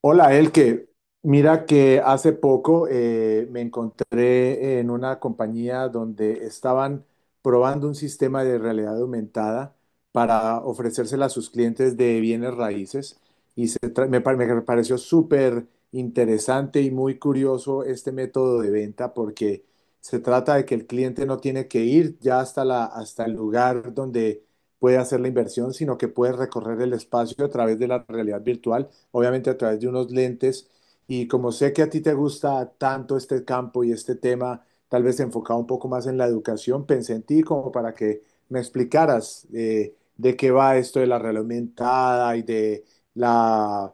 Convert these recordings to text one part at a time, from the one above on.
Hola, Elke. Mira que hace poco me encontré en una compañía donde estaban probando un sistema de realidad aumentada para ofrecérsela a sus clientes de bienes raíces y se tra- me, pa- me pareció súper interesante y muy curioso este método de venta porque se trata de que el cliente no tiene que ir ya hasta hasta el lugar donde puede hacer la inversión, sino que puede recorrer el espacio a través de la realidad virtual, obviamente a través de unos lentes. Y como sé que a ti te gusta tanto este campo y este tema, tal vez enfocado un poco más en la educación, pensé en ti como para que me explicaras de qué va esto de la realidad aumentada y la,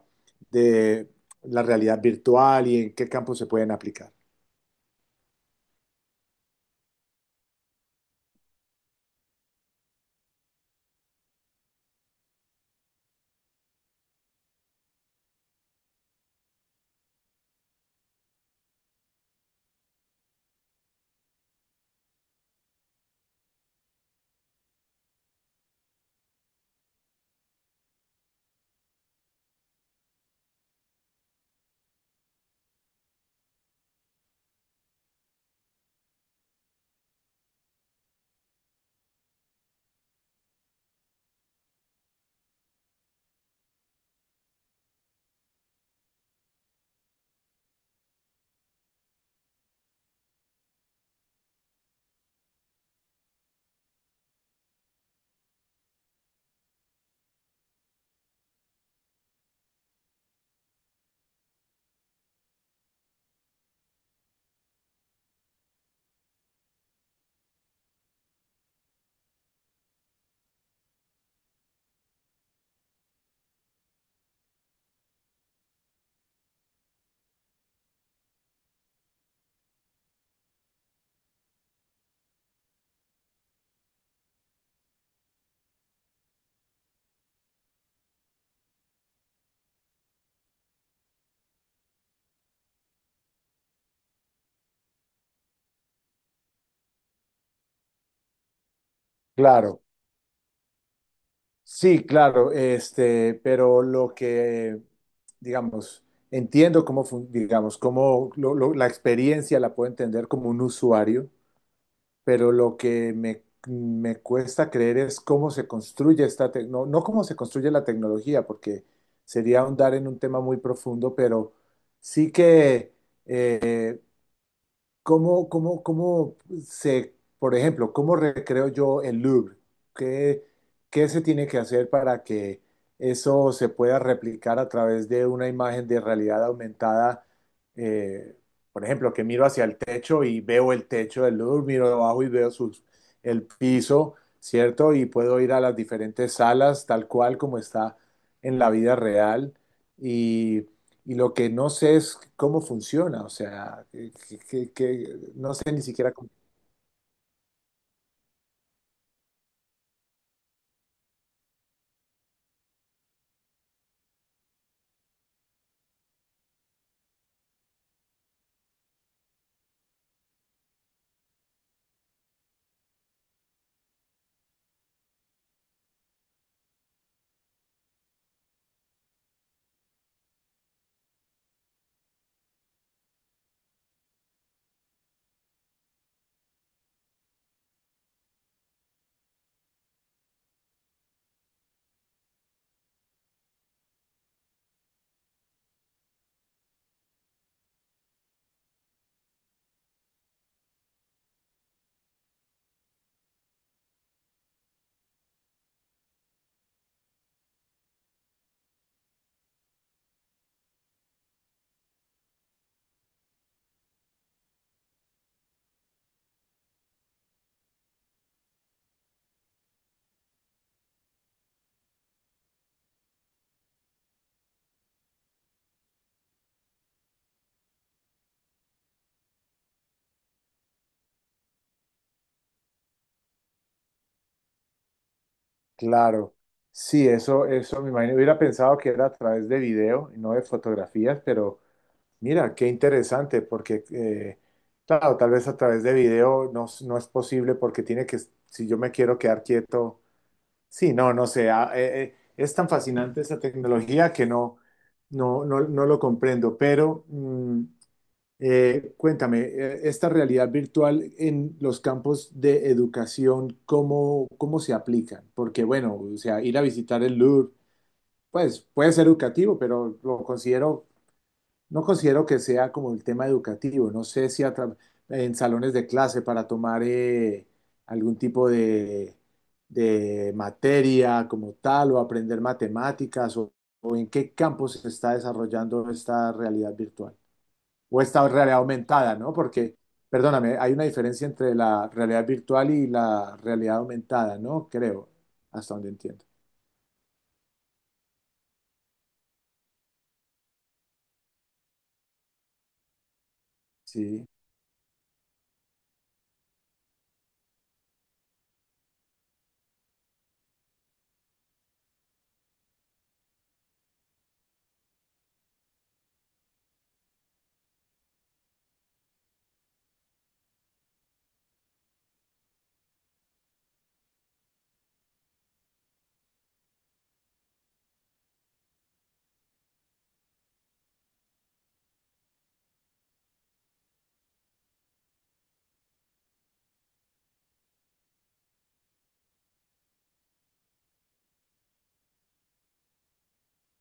de la realidad virtual y en qué campos se pueden aplicar. Claro, sí, claro, este, pero lo que, digamos, entiendo cómo, digamos, cómo la experiencia la puedo entender como un usuario, pero lo que me cuesta creer es cómo se construye esta tecnología. No, no cómo se construye la tecnología, porque sería ahondar en un tema muy profundo, pero sí que... cómo se, por ejemplo, cómo recreo yo el Louvre? ¿Qué, qué se tiene que hacer para que eso se pueda replicar a través de una imagen de realidad aumentada? Eh, por ejemplo, que miro hacia el techo y veo el techo del Louvre, miro abajo y veo sus, el piso, ¿cierto? Y puedo ir a las diferentes salas tal cual como está en la vida real, y lo que no sé es cómo funciona. O sea, que, no sé ni siquiera cómo. Claro, sí, eso me imagino. Hubiera pensado que era a través de video y no de fotografías, pero mira, qué interesante, porque claro, tal vez a través de video no, no es posible porque tiene que, si yo me quiero quedar quieto, sí, no, no sé, ah, es tan fascinante esta tecnología que no, no, no lo comprendo, pero... cuéntame, esta realidad virtual en los campos de educación, cómo se aplican? Porque, bueno, o sea, ir a visitar el Louvre pues puede ser educativo, pero lo considero, no considero que sea como el tema educativo. No sé si a en salones de clase para tomar algún tipo de materia como tal, o aprender matemáticas o en qué campos se está desarrollando esta realidad virtual o esta realidad aumentada, ¿no? Porque, perdóname, hay una diferencia entre la realidad virtual y la realidad aumentada, ¿no? Creo, hasta donde entiendo. Sí,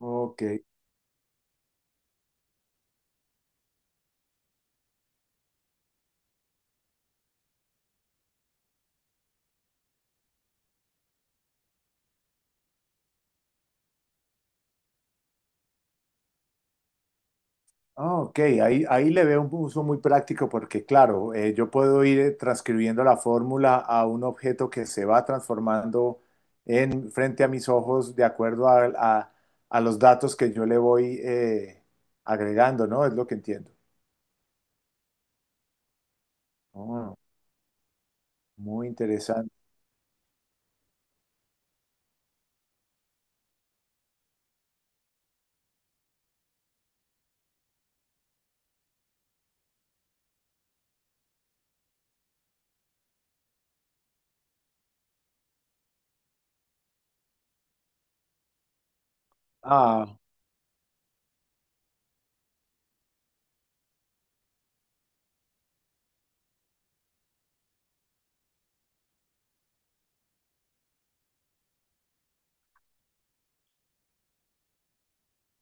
ok. Ah, ok, ahí le veo un uso muy práctico porque, claro, yo puedo ir transcribiendo la fórmula a un objeto que se va transformando en, frente a mis ojos, de acuerdo a, a los datos que yo le voy agregando, ¿no? Es lo que entiendo. Oh, muy interesante. Ah.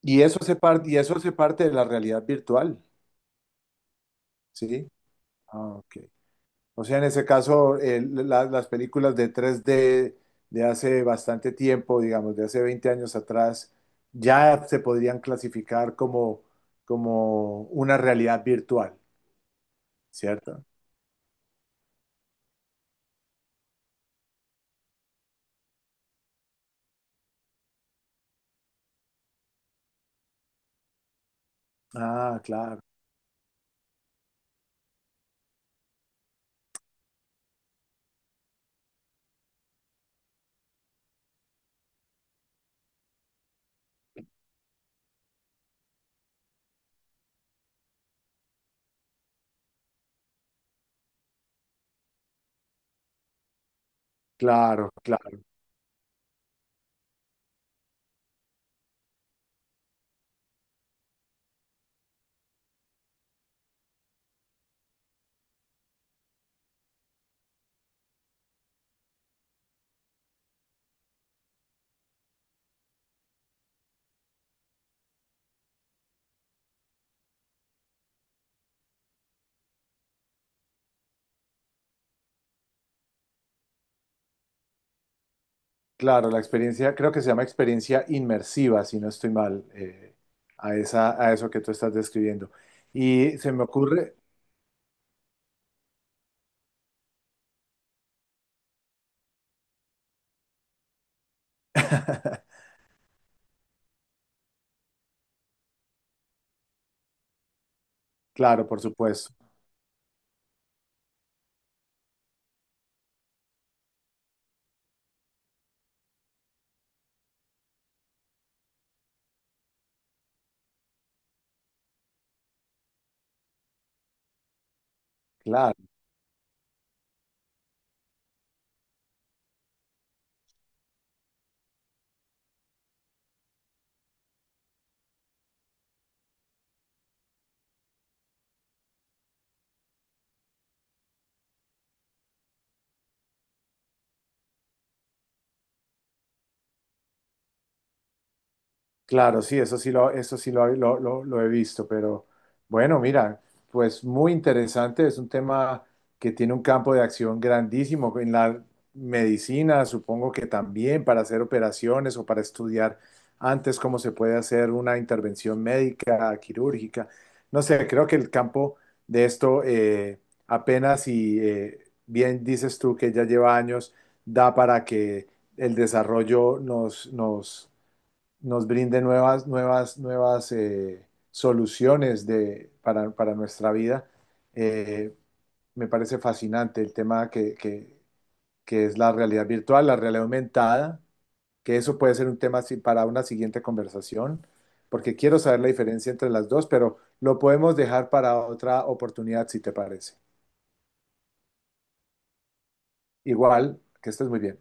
Y eso hace parte, y eso hace parte de la realidad virtual, ¿sí? Ah, ok. O sea, en ese caso, las películas de 3D de hace bastante tiempo, digamos, de hace 20 años atrás, ya se podrían clasificar como, como una realidad virtual, ¿cierto? Ah, claro, claro, claro, claro. La experiencia, creo que se llama experiencia inmersiva, si no estoy mal, a esa, a eso que tú estás describiendo. Y se me ocurre... Claro, por supuesto. Claro. Claro, sí, eso sí lo, lo he visto, pero bueno, mira, pues muy interesante, es un tema que tiene un campo de acción grandísimo en la medicina, supongo que también para hacer operaciones o para estudiar antes cómo se puede hacer una intervención médica, quirúrgica, no sé, creo que el campo de esto apenas y bien dices tú que ya lleva años, da para que el desarrollo nos nos brinde nuevas, nuevas soluciones para nuestra vida. Eh, Me parece fascinante el tema que es la realidad virtual, la realidad aumentada, que eso puede ser un tema para una siguiente conversación, porque quiero saber la diferencia entre las dos, pero lo podemos dejar para otra oportunidad, si te parece. Igual, que estés muy bien.